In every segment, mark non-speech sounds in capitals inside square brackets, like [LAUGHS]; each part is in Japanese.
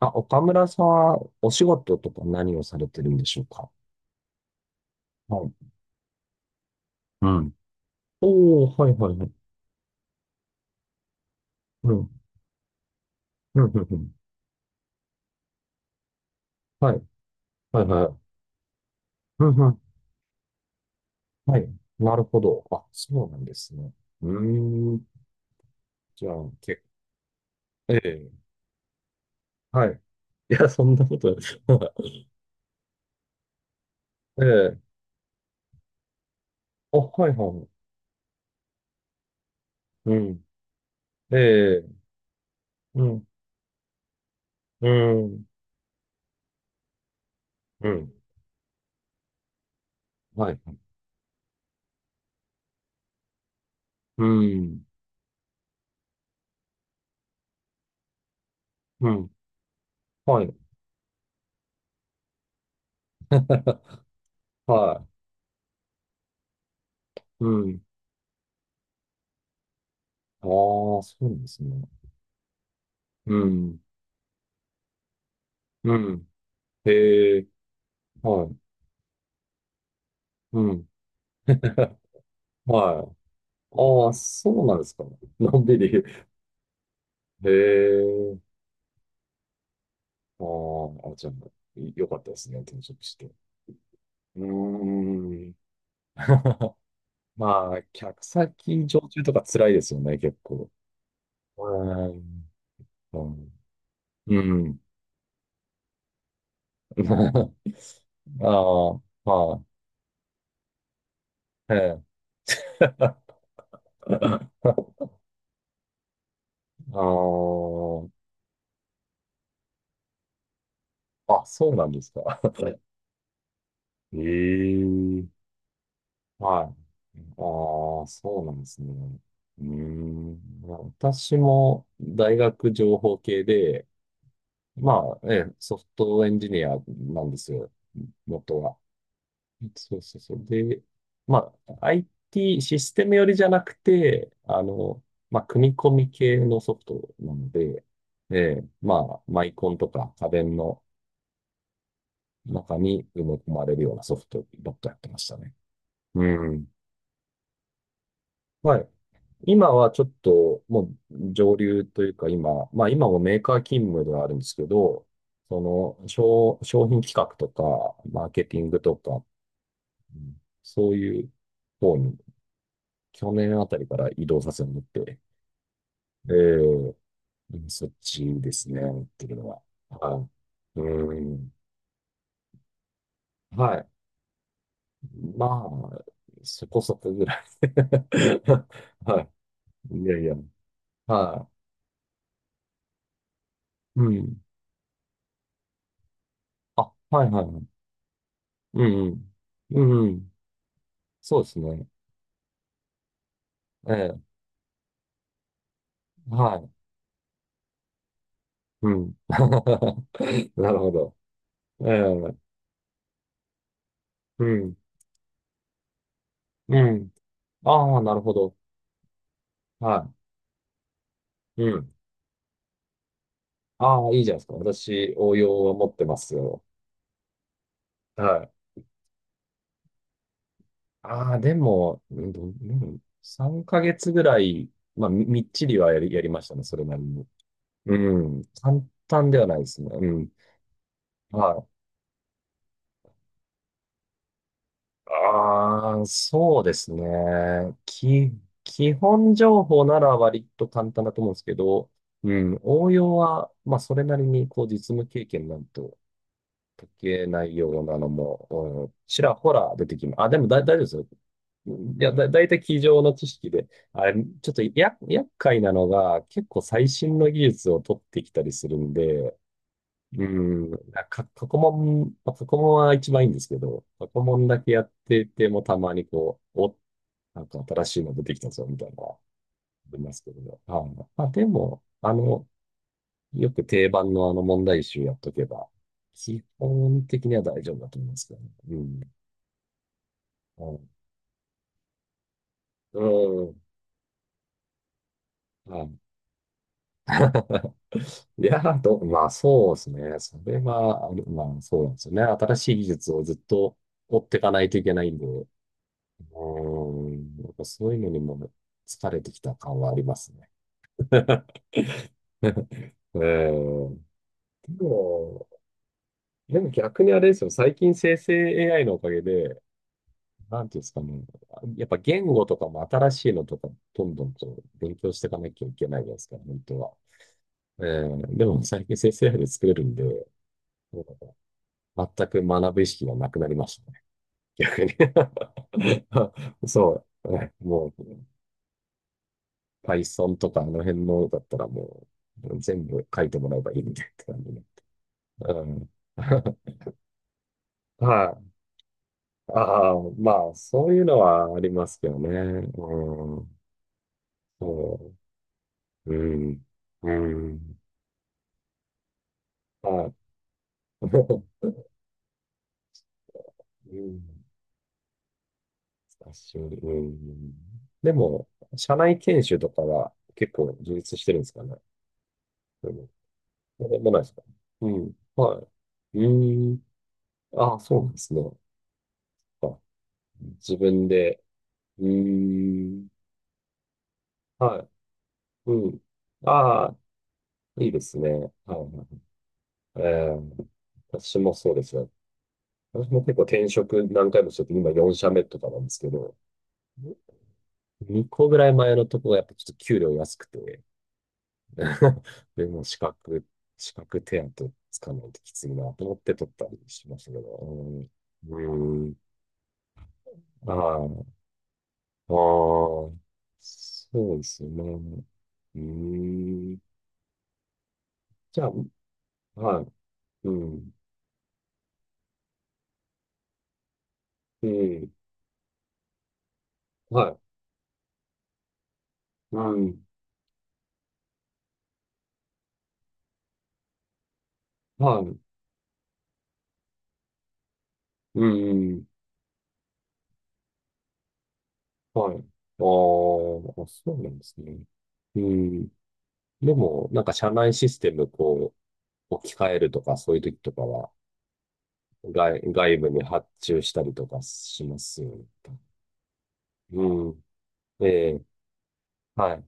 あ、岡村さんはお仕事とか何をされてるんでしょうか？はい。うん。おー、はいはいはい。うん。うん、うん、うん。はい。はいはい。うん、うん。はい。なるほど。あ、そうなんですね。うーん。じゃあ、け、ええ。はい。いや、そんなことない。[LAUGHS] ええ。あ、はいはい。うん。ええ。うん。うん。うん。はい。うん。うん。はい。[LAUGHS] はい。うん。ああ、そうなんですね。うん。うん。へえ、はい。うん。[LAUGHS] はい。ああ、そうなんですか。[LAUGHS] のんびり。へえ、あーあ、じゃあ、いよかったですね、転職して。うーん。[LAUGHS] まあ、客先常駐とか辛いですよね、結構。うーん。うん。うん。[LAUGHS] ああ、まあ、ええ。[LAUGHS] ああ、あ、そうなんですか。[LAUGHS] ええはい。ああ、そうなんですね。うーん。私も大学情報系で、まあ、ええ、ソフトエンジニアなんですよ、元は。そうそうそう。で、まあ、IT システム寄りじゃなくて、まあ、組み込み系のソフトなので、ええ、まあ、マイコンとか家電の中に埋め込まれるようなソフトばっかやってましたね。うん。はい。今はちょっともう上流というか今、まあ今もメーカー勤務ではあるんですけど、その商品企画とか、マーケティングとか、うん、そういう方に去年あたりから移動させてもらって、えーうんそっちですね、っていうのは。はい。うん。はい。まあ、そこそこぐらい。[LAUGHS] はい。いやいや。はい。うん。あ、はいはいはい。うんうん。うんうん。そうですね。ええ、はい。うん。[LAUGHS] なるほど。ええ、うん。うん。ああ、なるほど。はい。うん。ああ、いいじゃないですか。私、応用は持ってますよ。はい。ああ、でも、うんどううん3ヶ月ぐらい、まあ、みみっちりはやりましたね。それなりに。うん。簡単ではないですね。うん。はい。ああ、そうですね。き、基本情報なら割と簡単だと思うんですけど、うん、応用は、まあ、それなりに、こう、実務経験なんと解けないようなのも、うん、ちらほら出てきます。あ、でも大丈夫ですよ。いや、大体机上の知識で、あれ、ちょっと厄介なのが、結構最新の技術を取ってきたりするんで、うん。過去問、まあ、過去問は一番いいんですけど、過去問だけやっててもたまにこう、お、なんか新しいの出てきたぞ、みたいな、ありますけどね。はい。まあ、でも、あの、よく定番のあの問題集やっとけば、基本的には大丈夫だと思いますけどね。うん。うん。うん、はい。 [LAUGHS] いやー、まあそうですね。それは、あのまあそうなんですよね。新しい技術をずっと追っていかないといけないんで、うーん、なんかそういうのにも疲れてきた感はありますね。[LAUGHS] えー、でも、でも逆にあれですよ。最近生成 AI のおかげで、なんていうんですかね、やっぱ言語とかも新しいのとか、どんどんと勉強していかなきゃいけないじゃないですか、本当は。えー、でも最近生成 AI で作れるんで、なんか全く学ぶ意識がなくなりましたね、逆に。[LAUGHS] そう。えもう、Python とかあの辺のだったらもう全部書いてもらえばいいみたいな感じね。うん。[LAUGHS] はい。ああ、まあ、そういうのはありますけどね。うん。そう。うん。うん。はい。[LAUGHS] うん。久しぶり。うん。でも、社内研修とかは結構充実してるんですかね。でも、そうでもないですか。うん。はい。うん。ああ、そうなんですね。あ、自分で。うーん。はい。うん。ああ、いいですね。はいはいはい。えー、私もそうですよ。私も結構転職何回もしてて、今4社目とかなんですけど、2個ぐらい前のとこがやっぱちょっと給料安くて、[LAUGHS] でも、資格手当つかないときついなと思って取ったりしましたけど、うん。うん。ああ、ああ、そうですね。うーん。じゃあ、はい。うん。うん。はい。うん。はい。うん。はい。ああ、そうなんですね。うん。でも、なんか社内システム、こう、置き換えるとか、そういう時とかは、外部に発注したりとかしますよね。うん。ええ、はい。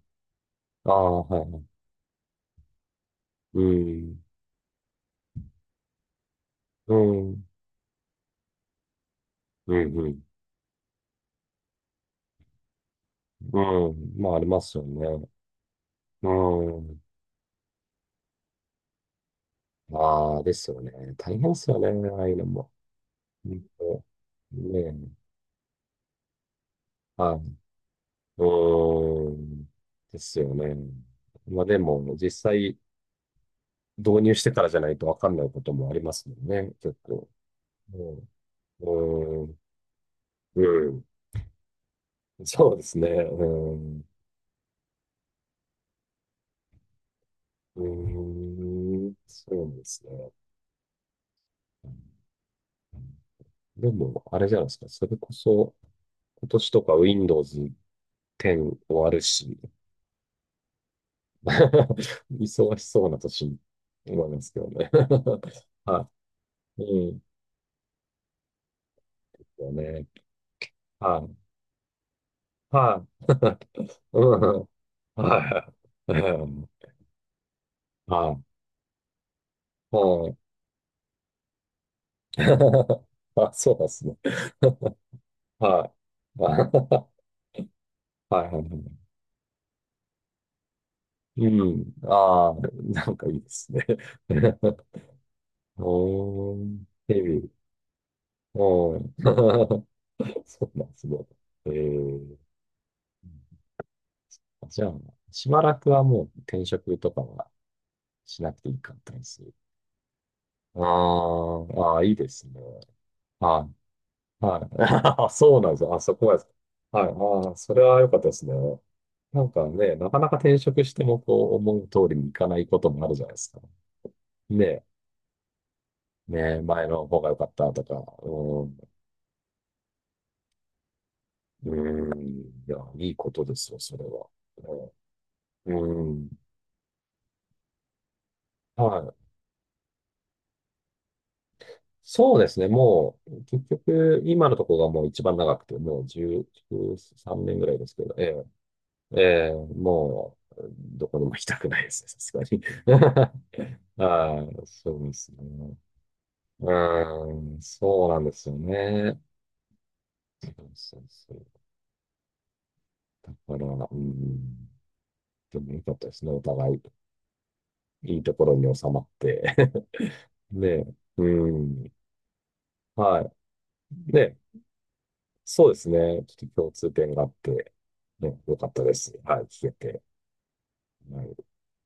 ああ、はい。うん。うん。うん。うん。うん、まあ、ありますよね。うん。ああ、ですよね。大変ですよね、ああいうのも。うんと、ねえ。はい。うーん。ですよね。まあでも、実際導入してからじゃないとわかんないこともありますもんね、結構。うん。うーん。うん。そうですね。うん。うーん。そうなんですね。でも、あれじゃないですか。それこそ、今年とか Windows 10終わるし、[LAUGHS] 忙しそうな年、思いますけどね。[LAUGHS] はい。うん。だね。はい。はい。[LAUGHS] うん、はい。うん。はい。うん。[LAUGHS] あ、そうなんですね。[LAUGHS] はい。あ [LAUGHS] はいはいはい。うん。ああ、なんかいいですね。[LAUGHS] おー、ヘビ。おー。[LAUGHS] そうなんですね。えー、じゃあ、しばらくはもう転職とかはしなくていい感じです？あーあー、いいですね。はい。はい。[LAUGHS] そうなんですよ。あ、そこはです。はい。ああ、それは良かったですね。なんかね、なかなか転職してもこう思う通りにいかないこともあるじゃないですか。ねえ、ねえ、前の方が良かったとか、うん、うん、いや、いいことですよ、それは。うん、うん、はい。そうですね、もう、結局、今のところがもう一番長くて、もう10 3年ぐらいですけど、ええ、ええ、もう、どこにも行きたくないですね、さすがに。[LAUGHS] はい、そうですね。うーん、そうなんですよね。そう、そうだから、うん、でも良かったですね。お互い、いいところに収まって。 [LAUGHS] で、うん、はい。で、そうですね。ちょっと共通点があって、ね、良かったです。はい、聞けて。はい